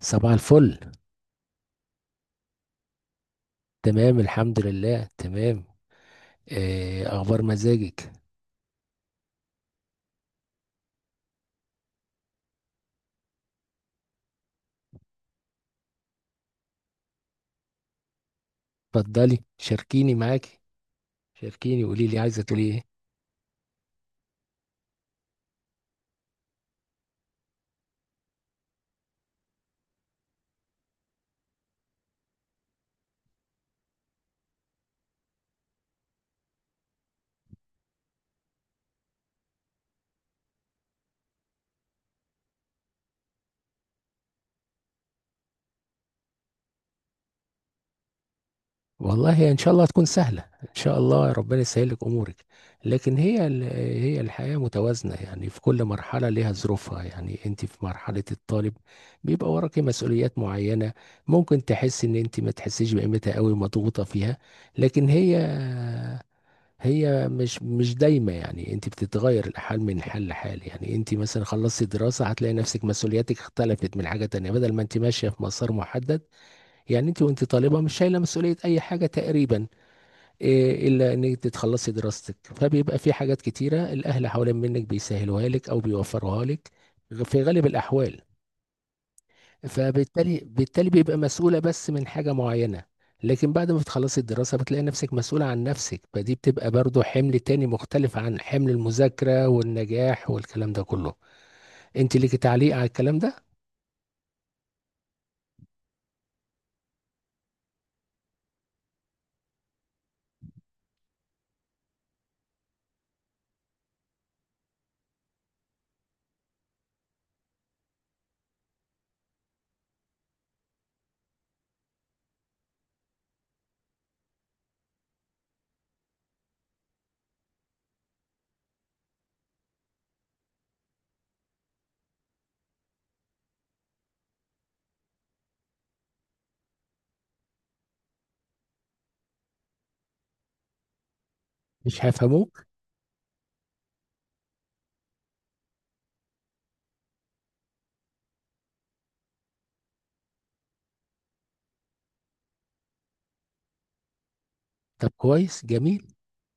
صباح الفل. تمام الحمد لله تمام. آه، اخبار مزاجك. اتفضلي شاركيني معاكي، شاركيني قولي لي عايزه تقولي ايه. والله ان شاء الله هتكون سهله، ان شاء الله ربنا يسهل لك امورك. لكن هي الحياه متوازنه، يعني في كل مرحله ليها ظروفها. يعني انت في مرحله الطالب بيبقى وراكي مسؤوليات معينه، ممكن تحس ان انت ما تحسيش بقيمتها قوي، مضغوطه فيها. لكن هي مش دايمة، يعني انت بتتغير الحال من حال لحال. يعني انت مثلا خلصتي دراسة هتلاقي نفسك مسؤولياتك اختلفت من حاجة تانية، بدل ما انت ماشية في مسار محدد. يعني انت وانت طالبة مش شايلة مسؤولية اي حاجة تقريبا، إيه الا ان انت تخلصي دراستك، فبيبقى في حاجات كتيرة الاهل حوالين منك بيسهلوها لك او بيوفروها لك في غالب الاحوال. فبالتالي بيبقى مسؤولة بس من حاجة معينة. لكن بعد ما بتخلصي الدراسة بتلاقي نفسك مسؤولة عن نفسك، فدي بتبقى برضو حمل تاني مختلف عن حمل المذاكرة والنجاح والكلام ده كله. انت ليكي تعليق على الكلام ده؟ مش هيفهموك. طب كويس جميل،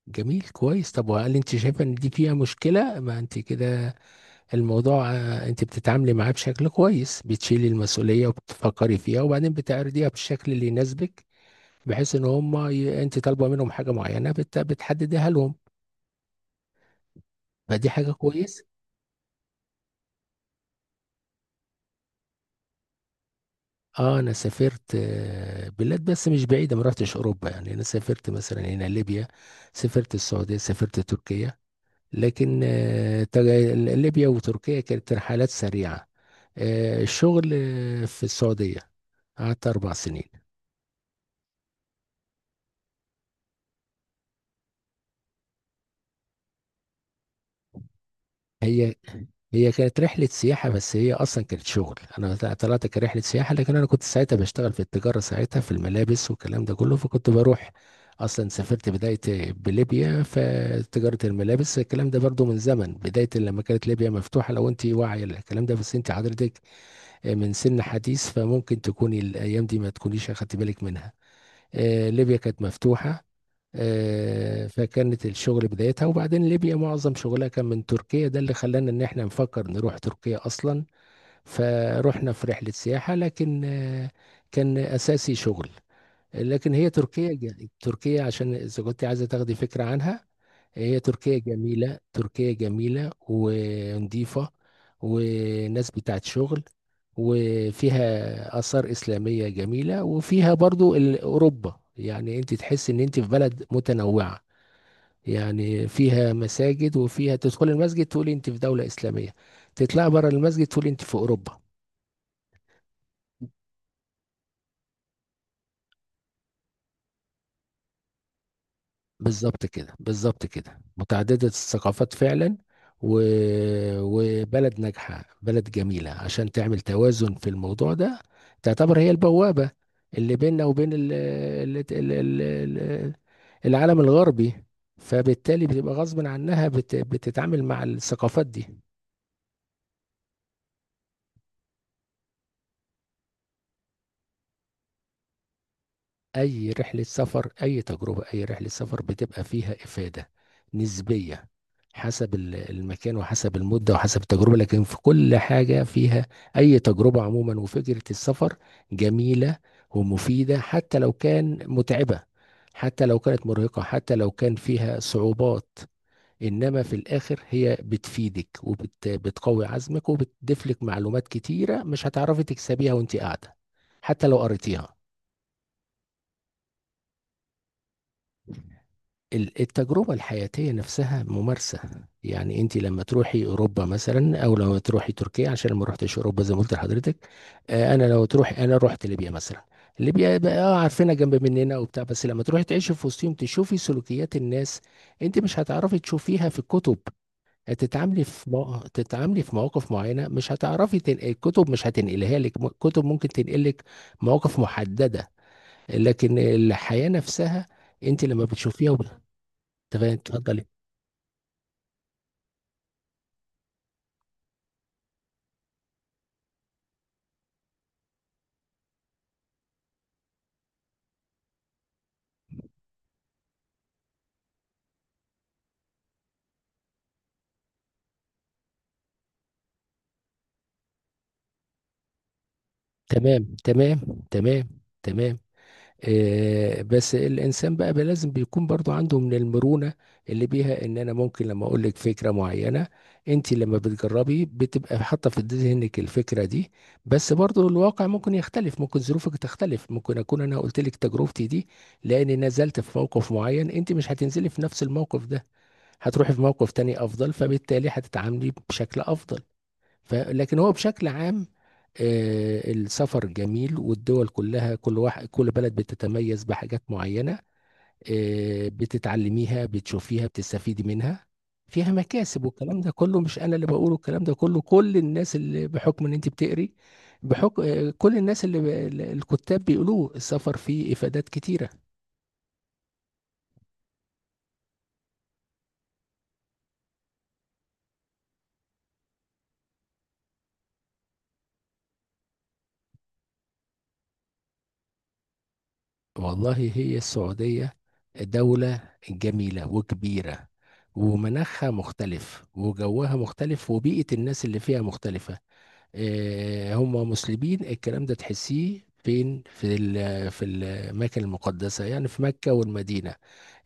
جميل كويس. طب وهل انت شايفة ان دي فيها مشكلة؟ ما انت كده الموضوع، آه، انت بتتعاملي معاه بشكل كويس، بتشيلي المسؤولية وبتفكري فيها وبعدين بتعرضيها بالشكل اللي يناسبك، بحيث ان انت طالبه منهم حاجه معينه، بتحددها لهم. فدي حاجه كويسه. اه انا سافرت، آه، بلاد بس مش بعيده، ما رحتش اوروبا. يعني انا سافرت مثلا هنا ليبيا، سافرت السعوديه، سافرت تركيا. لكن آه، ليبيا وتركيا كانت رحلات سريعه. آه، الشغل آه، في السعوديه قعدت اربع سنين. هي هي كانت رحلة سياحة، بس هي أصلا كانت شغل. أنا طلعت كرحلة سياحة، لكن أنا كنت ساعتها بشتغل في التجارة ساعتها، في الملابس والكلام ده كله، فكنت بروح. أصلا سافرت بداية بليبيا فتجارة الملابس، الكلام ده برضو من زمن بداية لما كانت ليبيا مفتوحة، لو أنت واعية للكلام ده، بس أنت حضرتك من سن حديث، فممكن تكوني الأيام دي ما تكونيش أخدت بالك منها. آه، ليبيا كانت مفتوحة، آه، فكانت الشغل بدايتها. وبعدين ليبيا معظم شغلها كان من تركيا، ده اللي خلانا ان احنا نفكر نروح تركيا اصلا. فروحنا في رحلة سياحة، لكن آه، كان اساسي شغل. لكن تركيا عشان اذا كنت عايزة تاخدي فكرة عنها، هي تركيا جميلة، تركيا جميلة ونظيفة وناس بتاعت شغل، وفيها آثار إسلامية جميلة، وفيها برضو أوروبا. يعني أنت تحس إن أنت في بلد متنوعة، يعني فيها مساجد، وفيها تدخل المسجد تقول انت في دولة إسلامية، تطلع بره المسجد تقول انت في أوروبا. بالظبط كده، بالظبط كده، متعددة الثقافات فعلا. و... وبلد ناجحة، بلد جميلة عشان تعمل توازن في الموضوع ده. تعتبر هي البوابة اللي بيننا وبين العالم الغربي، فبالتالي بتبقى غصب عنها بتتعامل مع الثقافات دي. اي رحله سفر، اي تجربه، اي رحله سفر بتبقى فيها افاده نسبيه، حسب المكان وحسب المده وحسب التجربه، لكن في كل حاجه فيها. اي تجربه عموما وفكره السفر جميله ومفيده، حتى لو كان متعبه، حتى لو كانت مرهقه، حتى لو كان فيها صعوبات. انما في الاخر هي بتفيدك وبتقوي عزمك وبتضيف لك معلومات كتيره مش هتعرفي تكسبيها وانت قاعده، حتى لو قريتيها. التجربة الحياتية نفسها ممارسة. يعني انت لما تروحي اوروبا مثلا، او لما تروحي تركيا، عشان ما رحتش اوروبا زي ما قلت لحضرتك. آه، انا لو تروحي، انا رحت ليبيا مثلا، ليبيا بقى اه عارفينها جنب مننا وبتاع، بس لما تروحي تعيشي في وسطهم تشوفي سلوكيات الناس، انت مش هتعرفي تشوفيها في الكتب. هتتعاملي في تتعاملي في مواقف معينة مش هتعرفي الكتب مش هتنقلها لك، الكتب ممكن تنقلك مواقف محددة، لكن الحياة نفسها انت لما بتشوفيها. تمام اتفضلي. تمام تمام تمام تمام. آه بس الانسان بقى لازم بيكون برضو عنده من المرونه اللي بيها ان انا ممكن لما اقول لك فكره معينه، انت لما بتجربي بتبقى حاطه في ذهنك الفكره دي. بس برضو الواقع ممكن يختلف، ممكن ظروفك تختلف، ممكن اكون انا قلت لك تجربتي دي لاني نزلت في موقف معين، انت مش هتنزلي في نفس الموقف ده، هتروحي في موقف تاني افضل، فبالتالي هتتعاملي بشكل افضل. لكن هو بشكل عام، آه، السفر جميل والدول كلها، كل واحد، كل بلد بتتميز بحاجات معينة، آه، بتتعلميها بتشوفيها بتستفيدي منها، فيها مكاسب. والكلام ده كله مش أنا اللي بقوله، الكلام ده كله كل الناس اللي بحكم إن أنت بتقري، بحكم آه، كل الناس الكتاب بيقولوه، السفر فيه إفادات كتيرة. والله هي السعودية دولة جميلة وكبيرة، ومناخها مختلف وجوها مختلف وبيئة الناس اللي فيها مختلفة. آه، هم مسلمين، الكلام ده تحسيه فين؟ في في الاماكن المقدسه، يعني في مكه والمدينه،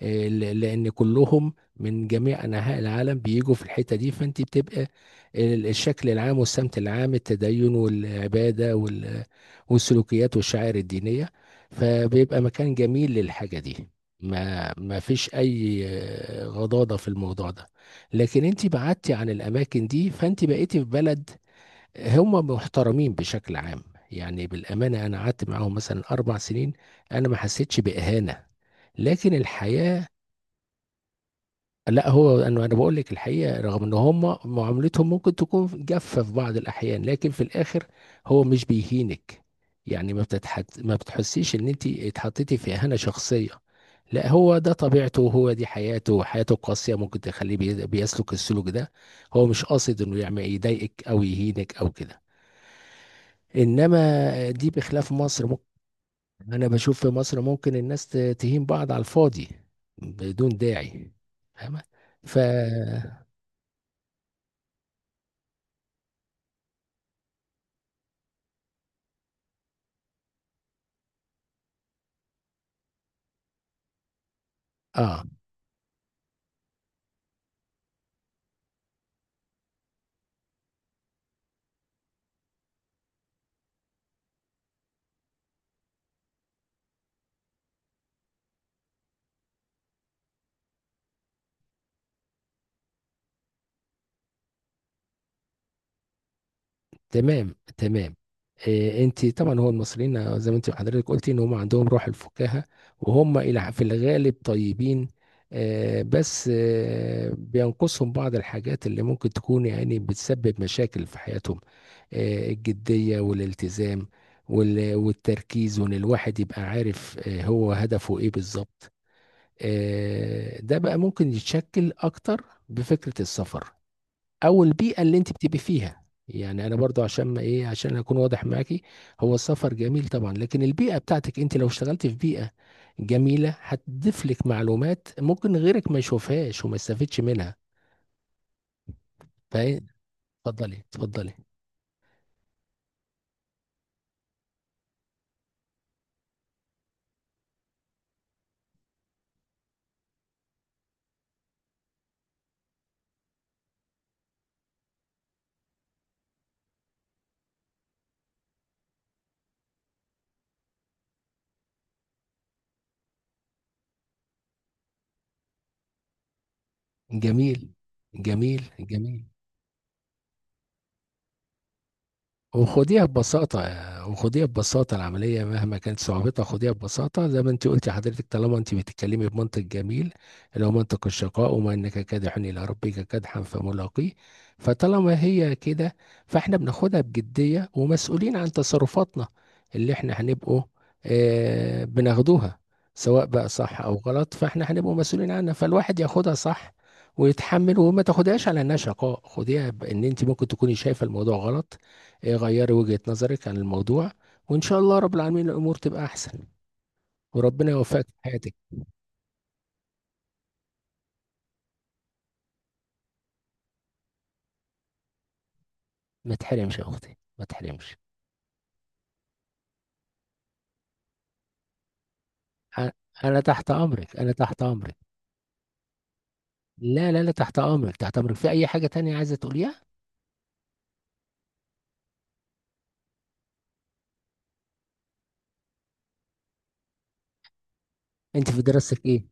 آه، لان كلهم من جميع انحاء العالم بيجوا في الحته دي، فانت بتبقى الشكل العام والسمت العام، التدين والعباده والسلوكيات والشعائر الدينيه، فبيبقى مكان جميل للحاجه دي. ما فيش اي آه، غضاضه في الموضوع ده. لكن انت بعدتي عن الاماكن دي، فانت بقيتي في بلد هم محترمين بشكل عام. يعني بالأمانة أنا قعدت معاهم مثلا أربع سنين، أنا ما حسيتش بإهانة. لكن الحياة، لا هو أنا بقول لك الحقيقة، رغم إن هم معاملتهم ممكن تكون جافة في بعض الأحيان، لكن في الآخر هو مش بيهينك. يعني ما بتحسيش إن أنت اتحطيتي في إهانة شخصية. لا هو ده طبيعته، هو دي حياته، حياته قاسية ممكن تخليه بيسلك السلوك ده، هو مش قاصد إنه يعمل يضايقك أو يهينك أو كده. انما دي بخلاف مصر، ممكن انا بشوف في مصر ممكن الناس تهين بعض على الفاضي بدون داعي. فاهمة؟ ف اه. تمام. إيه انت طبعا، هو المصريين زي ما انت حضرتك قلتي ان هم عندهم روح الفكاهة، وهم الى في الغالب طيبين. آه بس آه بينقصهم بعض الحاجات اللي ممكن تكون يعني بتسبب مشاكل في حياتهم. آه، الجدية والالتزام والتركيز، وان الواحد يبقى عارف آه، هو هدفه ايه بالظبط. آه، ده بقى ممكن يتشكل اكتر بفكرة السفر او البيئة اللي انت بتبقي فيها. يعني انا برضو عشان ما ايه، عشان اكون واضح معاكي، هو السفر جميل طبعا، لكن البيئة بتاعتك، انت لو اشتغلت في بيئة جميلة هتضيف لك معلومات ممكن غيرك ما يشوفهاش وما يستفيدش منها. فايه، اتفضلي اتفضلي. جميل، جميل. وخديها ببساطة، وخديها ببساطة، العملية مهما كانت صعوبتها خديها ببساطة، زي ما انت قلتي حضرتك، طالما انت بتتكلمي بمنطق جميل، اللي هو منطق الشقاء، وما انك كادح الى ربك كدحا فملاقيه. فطالما هي كده، فاحنا بناخدها بجدية ومسؤولين عن تصرفاتنا، اللي احنا هنبقوا اه بناخدوها سواء بقى صح او غلط، فاحنا هنبقوا مسؤولين عنها، فالواحد ياخدها صح ويتحمل، وما تاخدهاش على انها شقاء. خديها بان انت ممكن تكوني شايفه الموضوع غلط، ايه، غيري وجهة نظرك عن الموضوع، وان شاء الله رب العالمين الامور تبقى احسن، وربنا يوفقك في حياتك. ما تحرمش يا اختي، ما تحرمش. أ- انا تحت امرك، انا تحت امرك. لا لا، لا تحت امرك تحت امرك، في اي حاجة تانية عايزة تقوليها؟ انت في دراستك ايه؟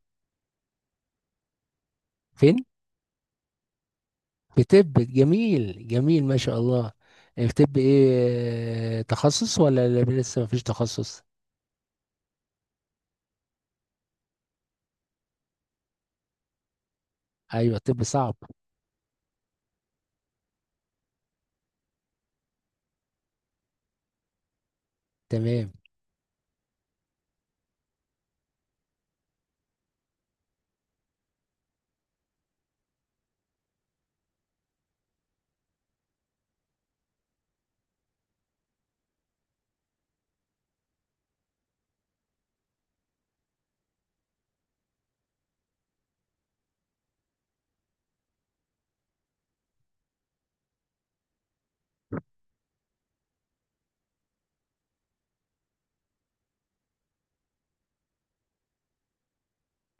فين؟ في طب، جميل جميل، ما شاء الله. في طب ايه تخصص، ولا لسه ما فيش تخصص؟ ايوه طب صعب. تمام.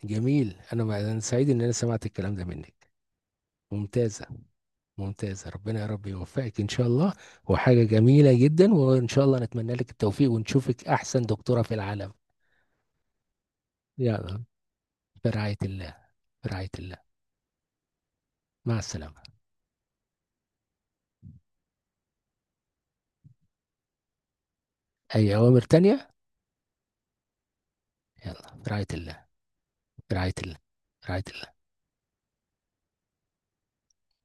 جميل، أنا سعيد ان انا سمعت الكلام ده منك. ممتاز، ممتاز. ربنا يا رب يوفقك ان شاء الله، وحاجة جميلة جدا، وان شاء الله نتمنى لك التوفيق ونشوفك احسن دكتورة في العالم. يلا، في رعاية الله، في رعاية الله. مع السلامة. اي اوامر تانية؟ يلا في رعاية الله، في رعاية الله، في رعاية الله.